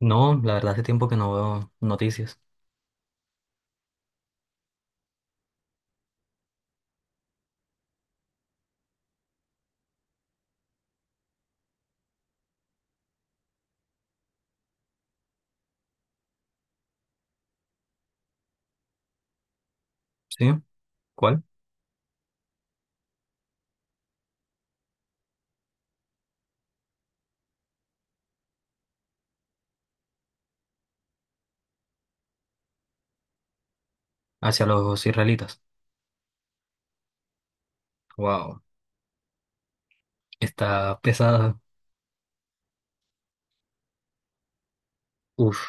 No, la verdad hace tiempo que no veo noticias. ¿Sí? ¿Cuál? Hacia los israelitas. Wow. Está pesada. Uf,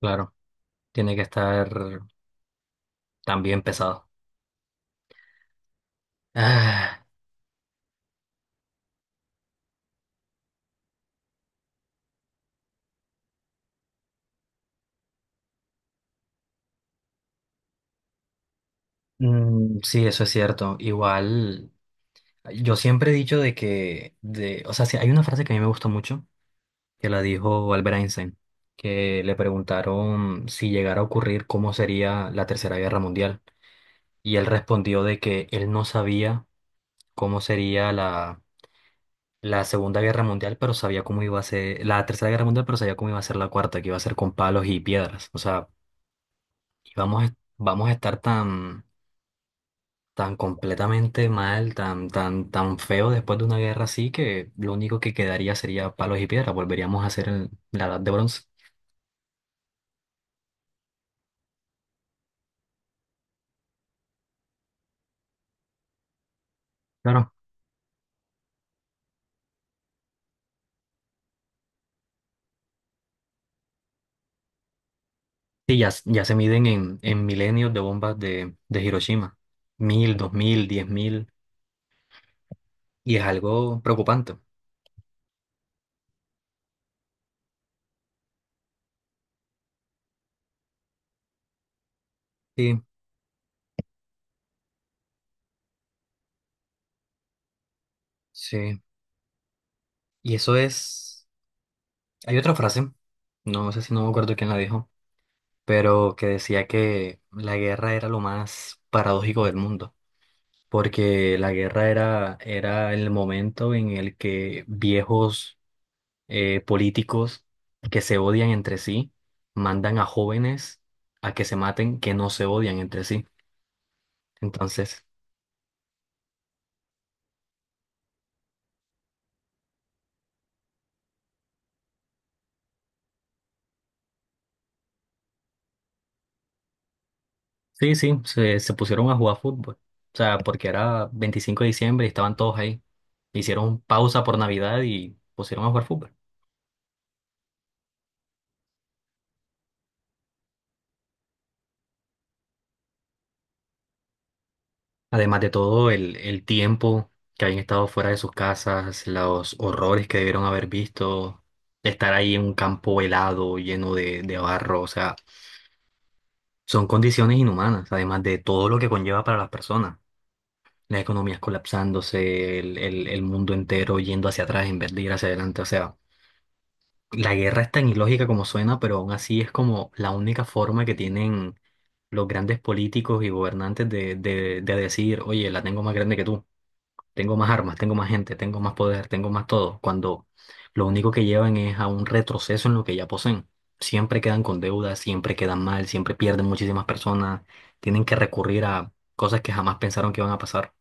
claro. Tiene que estar también pesado. Ah, mm, sí, eso es cierto. Igual, yo siempre he dicho de que, o sea, sí, hay una frase que a mí me gustó mucho, que la dijo Albert Einstein, que le preguntaron si llegara a ocurrir cómo sería la Tercera Guerra Mundial. Y él respondió de que él no sabía cómo sería la Segunda Guerra Mundial, pero sabía cómo iba a ser, la Tercera Guerra Mundial, pero sabía cómo iba a ser la cuarta, que iba a ser con palos y piedras. O sea, vamos a estar tan, tan completamente mal, tan, tan, tan feo después de una guerra así, que lo único que quedaría sería palos y piedras. Volveríamos a ser la Edad de Bronce. Claro. Sí, ya se miden en, milenios de bombas de Hiroshima. 1.000, 2.000, 10.000. Y es algo preocupante. Sí, sí. Y eso es. Hay otra frase, no sé si no me acuerdo quién la dijo, pero que decía que la guerra era lo más paradójico del mundo, porque la guerra era, el momento en el que viejos políticos que se odian entre sí mandan a jóvenes a que se maten que no se odian entre sí. Entonces, sí, sí, se pusieron a jugar fútbol. O sea, porque era 25 de diciembre y estaban todos ahí. Hicieron pausa por Navidad y pusieron a jugar fútbol. Además de todo, el tiempo que hayan estado fuera de sus casas, los horrores que debieron haber visto, estar ahí en un campo helado, lleno de barro, o sea, son condiciones inhumanas, además de todo lo que conlleva para las personas. Las economías colapsándose, el, el mundo entero yendo hacia atrás en vez de ir hacia adelante. O sea, la guerra es tan ilógica como suena, pero aún así es como la única forma que tienen los grandes políticos y gobernantes de decir, oye, la tengo más grande que tú. Tengo más armas, tengo más gente, tengo más poder, tengo más todo, cuando lo único que llevan es a un retroceso en lo que ya poseen. Siempre quedan con deudas, siempre quedan mal, siempre pierden muchísimas personas, tienen que recurrir a cosas que jamás pensaron que iban a pasar.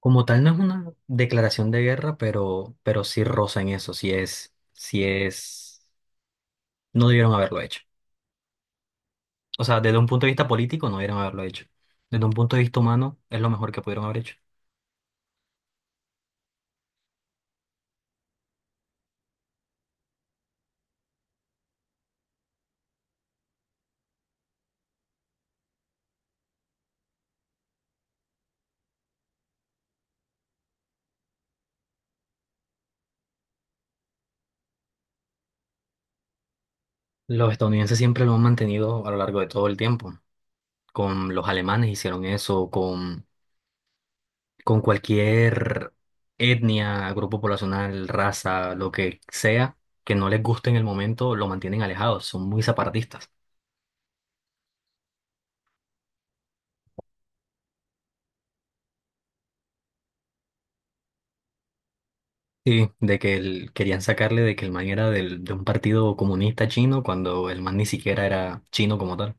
Como tal, no es una declaración de guerra, pero sí roza en eso, sí es, no debieron haberlo hecho. O sea, desde un punto de vista político, no debieron haberlo hecho. Desde un punto de vista humano, es lo mejor que pudieron haber hecho. Los estadounidenses siempre lo han mantenido a lo largo de todo el tiempo. Con los alemanes hicieron eso, con cualquier etnia, grupo poblacional, raza, lo que sea, que no les guste en el momento, lo mantienen alejados, son muy separatistas. Sí, de que querían sacarle de que el man era de un partido comunista chino cuando el man ni siquiera era chino como tal.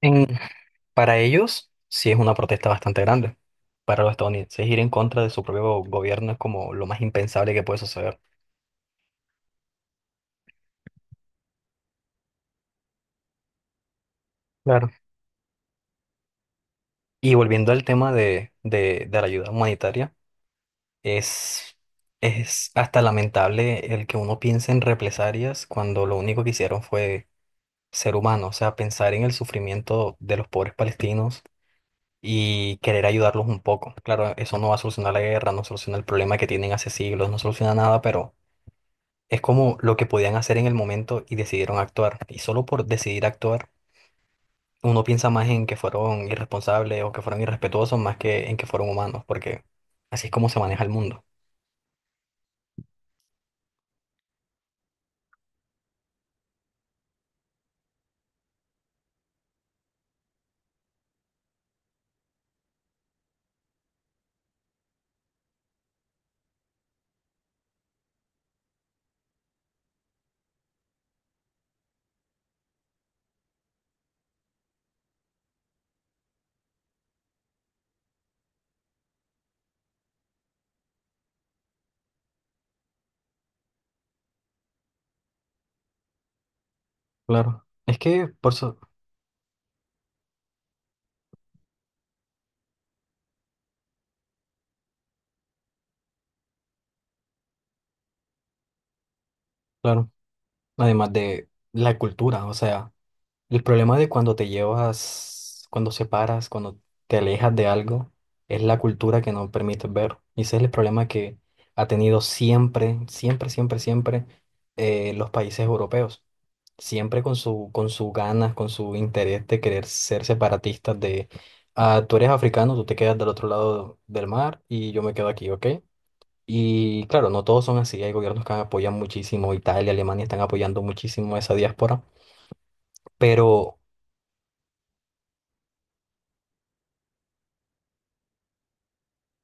En- para ellos, sí es una protesta bastante grande. Para los estadounidenses, ir en contra de su propio gobierno es como lo más impensable que puede suceder. Claro. Y volviendo al tema de, de la ayuda humanitaria, es, es hasta lamentable el que uno piense en represalias cuando lo único que hicieron fue ser humano, o sea, pensar en el sufrimiento de los pobres palestinos y querer ayudarlos un poco. Claro, eso no va a solucionar la guerra, no soluciona el problema que tienen hace siglos, no soluciona nada, pero es como lo que podían hacer en el momento y decidieron actuar. Y solo por decidir actuar uno piensa más en que fueron irresponsables o que fueron irrespetuosos más que en que fueron humanos, porque así es como se maneja el mundo. Claro, es que por eso, claro, además de la cultura, o sea. El problema de cuando te llevas, cuando separas, cuando te alejas de algo, es la cultura que no permite ver. Y ese es el problema que ha tenido siempre, siempre, siempre, siempre los países europeos. Siempre con su, con sus ganas, con su interés de querer ser separatistas ah, tú eres africano, tú te quedas del otro lado del mar y yo me quedo aquí, ¿ok? Y claro, no todos son así. Hay gobiernos que apoyan muchísimo, Italia, Alemania están apoyando muchísimo esa diáspora, pero...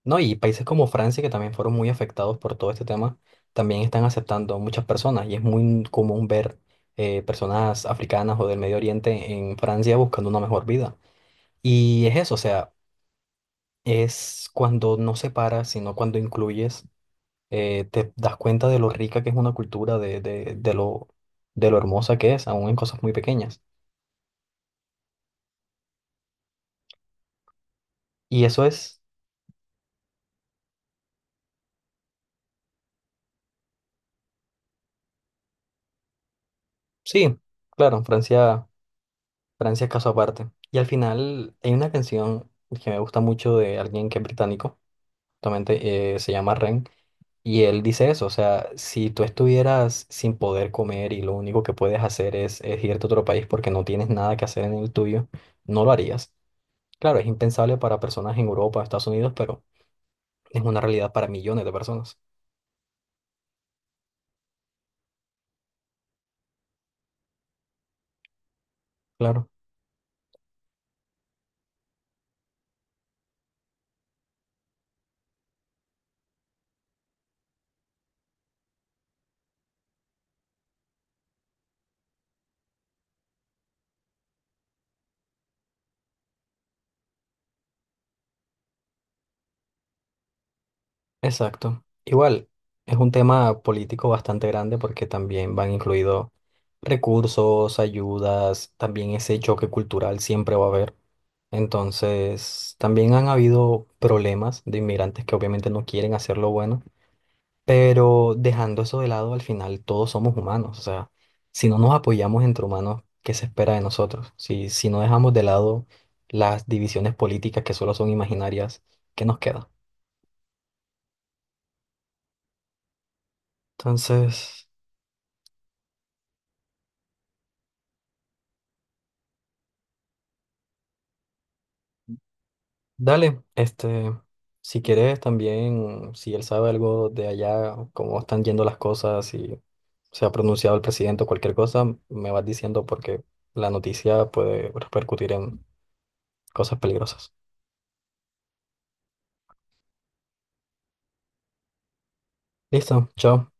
No, y países como Francia, que también fueron muy afectados por todo este tema, también están aceptando muchas personas y es muy común ver personas africanas o del Medio Oriente en Francia buscando una mejor vida. Y es eso, o sea, es cuando no separas, sino cuando incluyes, te das cuenta de lo rica que es una cultura, de lo hermosa que es, aún en cosas muy pequeñas. Y eso es, sí, claro, Francia. Francia es caso aparte. Y al final hay una canción que me gusta mucho de alguien que es británico, justamente se llama Ren, y él dice eso, o sea, si tú estuvieras sin poder comer y lo único que puedes hacer es irte a otro país porque no tienes nada que hacer en el tuyo, no lo harías. Claro, es impensable para personas en Europa, Estados Unidos, pero es una realidad para millones de personas. Claro. Exacto. Igual, es un tema político bastante grande porque también van incluidos recursos, ayudas, también ese choque cultural siempre va a haber. Entonces, también han habido problemas de inmigrantes que obviamente no quieren hacer lo bueno, pero dejando eso de lado, al final todos somos humanos. O sea, si no nos apoyamos entre humanos, ¿qué se espera de nosotros? Si no dejamos de lado las divisiones políticas que solo son imaginarias, ¿qué nos queda? Entonces... Dale, si quieres también, si él sabe algo de allá, cómo están yendo las cosas, si se ha pronunciado el presidente o cualquier cosa, me vas diciendo porque la noticia puede repercutir en cosas peligrosas. Listo, chao.